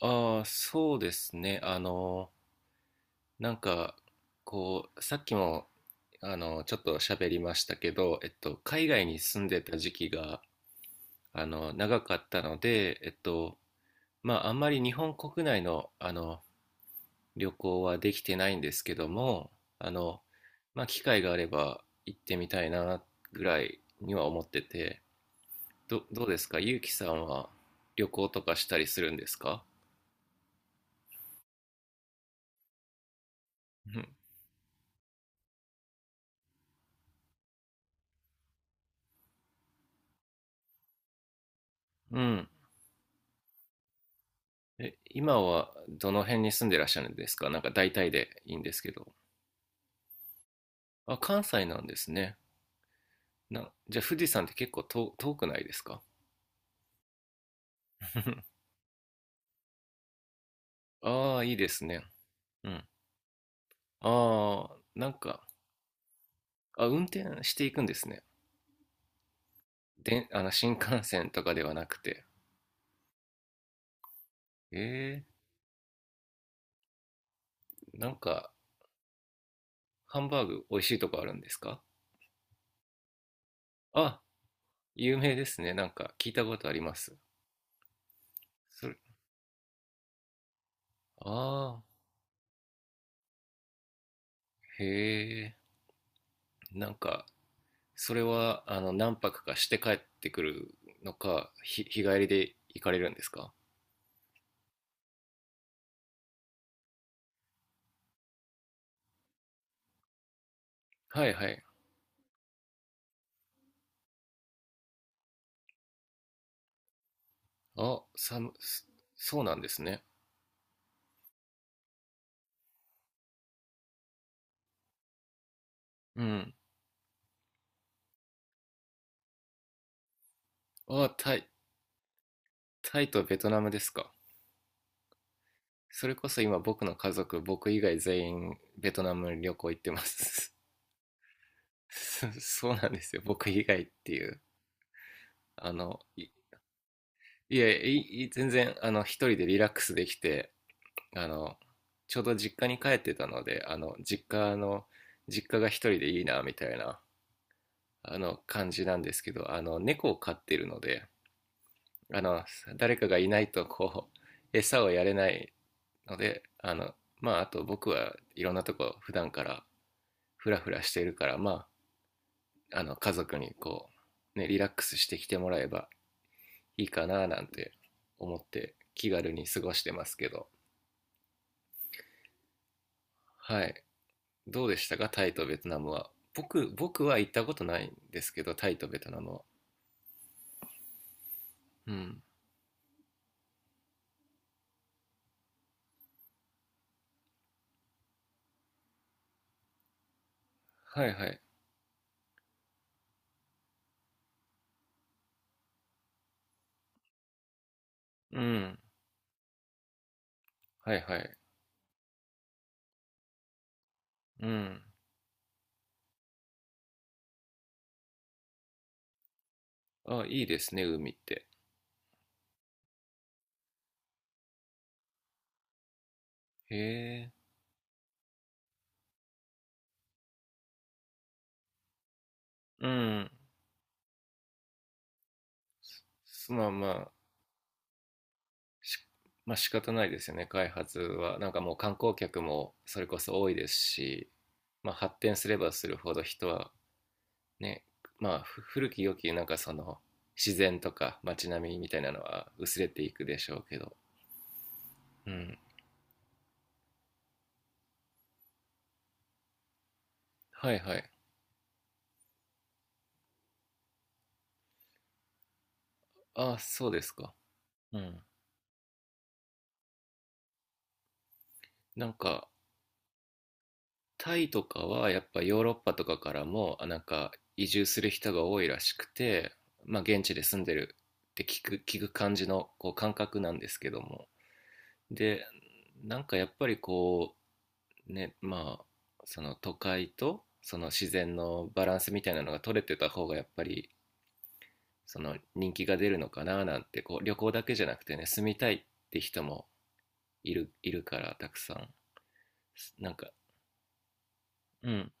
ああ、そうですね。なんか、さっきも、ちょっと喋りましたけど、海外に住んでた時期が、長かったので、まあ、あんまり日本国内の、旅行はできてないんですけども、あの、まあ、機会があれば行ってみたいな、ぐらいには思ってて、どうですかゆうきさんは旅行とかしたりするんですか？うん。うん。え、今はどの辺に住んでらっしゃるんですか？なんか大体でいいんですけど。あ、関西なんですね。じゃあ富士山って結構遠くないですか？ ああ、いいですね。うん。ああ、あ、運転していくんですね。で、新幹線とかではなくて。ええ、ハンバーグ美味しいとこあるんですか？あ、有名ですね。なんか聞いたことあります。それ、ああ、へえ。なんか、それは何泊かして帰ってくるのか、日帰りで行かれるんですか？はいはい。あ、そうなんですね。うん。あ、タイとベトナムですか。それこそ今僕の家族、僕以外全員ベトナム旅行行ってます。そうなんですよ。僕以外っていう。あの、い、いや、全然、一人でリラックスできて、あのちょうど実家に帰ってたので、実家が一人でいいなみたいな、あの感じなんですけど、猫を飼ってるので、あの誰かがいないと、餌をやれないので、まああと僕はいろんなとこ普段からフラフラしているから、まあ家族にね、リラックスしてきてもらえばいいかななんて思って気軽に過ごしてますけど。はい。どうでしたかタイとベトナムは？僕は行ったことないんですけど、タイとベトナムは。うん。はいはい。うん。はいはい。うん。あ、いいですね、海って。へえ。うん。まあまあ、しまあ仕方ないですよね、開発は。なんかもう観光客もそれこそ多いですし、まあ発展すればするほど人はね、まあ古き良き、その自然とか街並みみたいなのは薄れていくでしょうけど。うん。はいはい。ああ、そうですか。うん。なんか、タイとかはやっぱヨーロッパとかからも、移住する人が多いらしくて、まあ現地で住んでるって聞く感じの感覚なんですけども。で、やっぱりね、まあ、その都会とその自然のバランスみたいなのが取れてた方がやっぱりその人気が出るのかななんて旅行だけじゃなくてね、住みたいって人もいるからたくさん。なんかうん。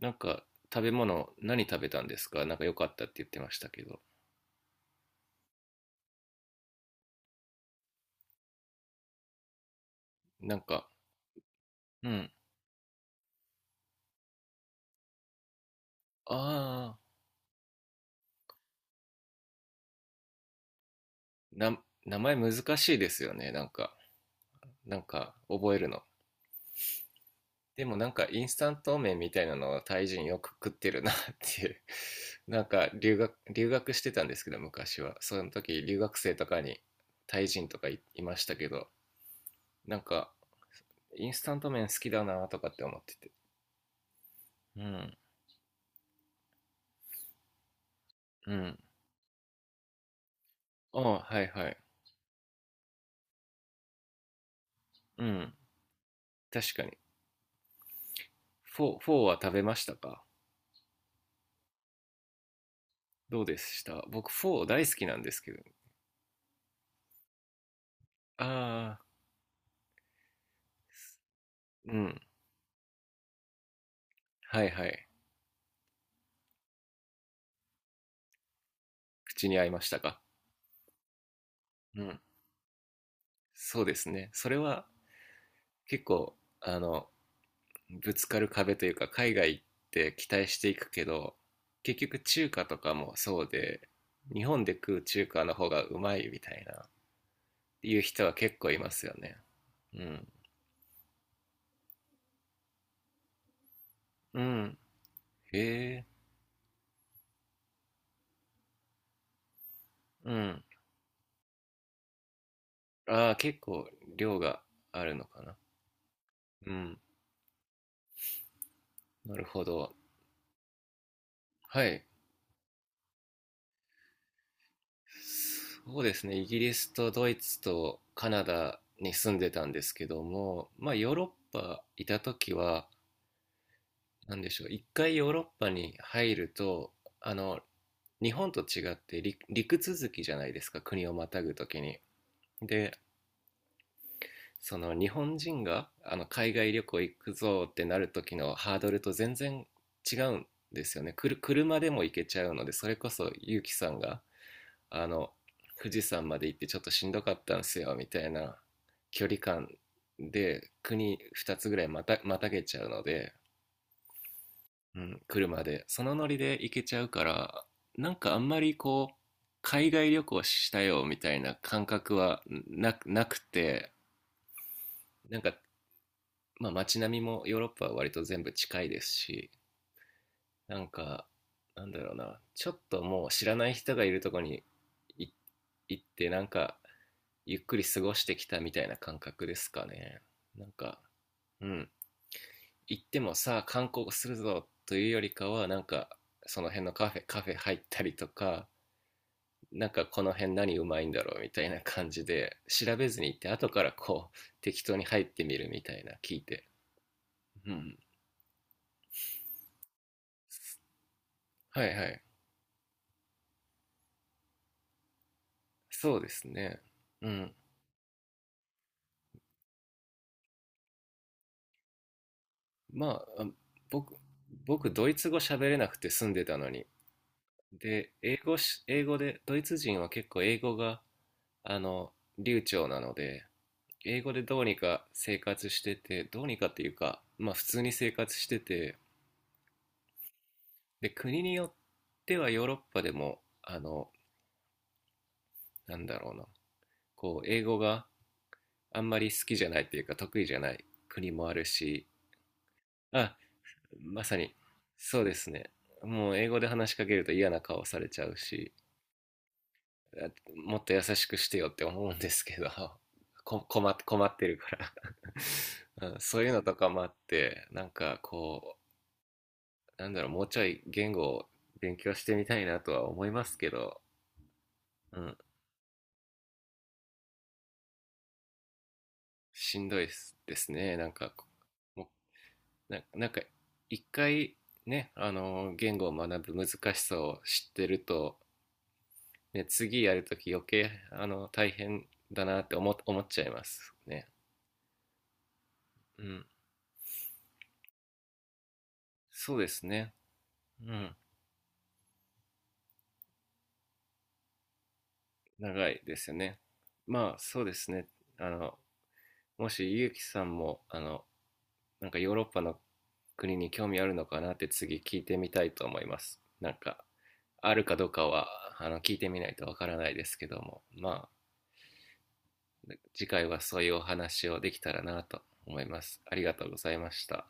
なんか食べ物何食べたんですか？なんか良かったって言ってましたけど。なんか、うん。ああ、な、名前難しいですよね。なんか覚えるの。でもインスタント麺みたいなのをタイ人よく食ってるなっていう 留学してたんですけど昔は。その時留学生とかにタイ人とかいいましたけど、なんかインスタント麺好きだなとかって思ってて。うん。うん。ああ、はいはい。うん。確かに。フォーは食べましたか？どうでした？僕、フォー大好きなんですけど。ああ、うん。はいはい。口に合いましたか？うん。そうですね。それは結構、ぶつかる壁というか、海外行って期待していくけど、結局中華とかもそうで、日本で食う中華の方がうまいみたいな、いう人は結構いますよね。うん。うん。へえ。うん。ああ、結構量があるのかな。うん。なるほど。はい。そうですね。イギリスとドイツとカナダに住んでたんですけども、まあヨーロッパいた時は、なんでしょう、一回ヨーロッパに入ると、あの、日本と違って陸続きじゃないですか。国をまたぐ時に。で、その日本人が海外旅行行くぞってなる時のハードルと全然違うんですよね。車でも行けちゃうので、それこそ結城さんがあの富士山まで行ってちょっとしんどかったんですよみたいな距離感で、国2つぐらいまたげちゃうので、うん、車でそのノリで行けちゃうから、あんまり海外旅行したよみたいな感覚はなくて、なんか、まあ、街並みもヨーロッパは割と全部近いですし、なんか、なんだろうな、ちょっともう知らない人がいるとこにい行って、ゆっくり過ごしてきたみたいな感覚ですかね。なんか、うん、行ってもさあ観光するぞというよりかは、その辺のカフェ入ったりとか、この辺何うまいんだろうみたいな感じで、調べずに行って、後から適当に入ってみるみたいな、聞いて。うん。はいはい。そうですね。うん。まあ、僕、僕、ドイツ語喋れなくて住んでたのに。で、英語で、ドイツ人は結構英語が、流暢なので、英語でどうにか生活してて、どうにかっていうか、まあ普通に生活してて、で、国によってはヨーロッパでも、なんだろうな、英語があんまり好きじゃないっていうか、得意じゃない国もあるし、あ、まさに、そうですね。もう英語で話しかけると嫌な顔されちゃうし、もっと優しくしてよって思うんですけど、こ、困っ、困ってるから うん、そういうのとかもあって、なんだろう、もうちょい言語を勉強してみたいなとは思いますけど、うん、しんどいですね。なんか、もう、な、なんか、一回ね、言語を学ぶ難しさを知ってると、ね、次やるとき余計、大変だなって思っちゃいますね。うん、そうですね。うん。長いですよね。まあそうですね。あの、もしゆうきさんも、ヨーロッパの国に興味あるのかなって次聞いてみたいと思います。あるかどうかは、聞いてみないとわからないですけども、まあ、次回はそういうお話をできたらなと思います。ありがとうございました。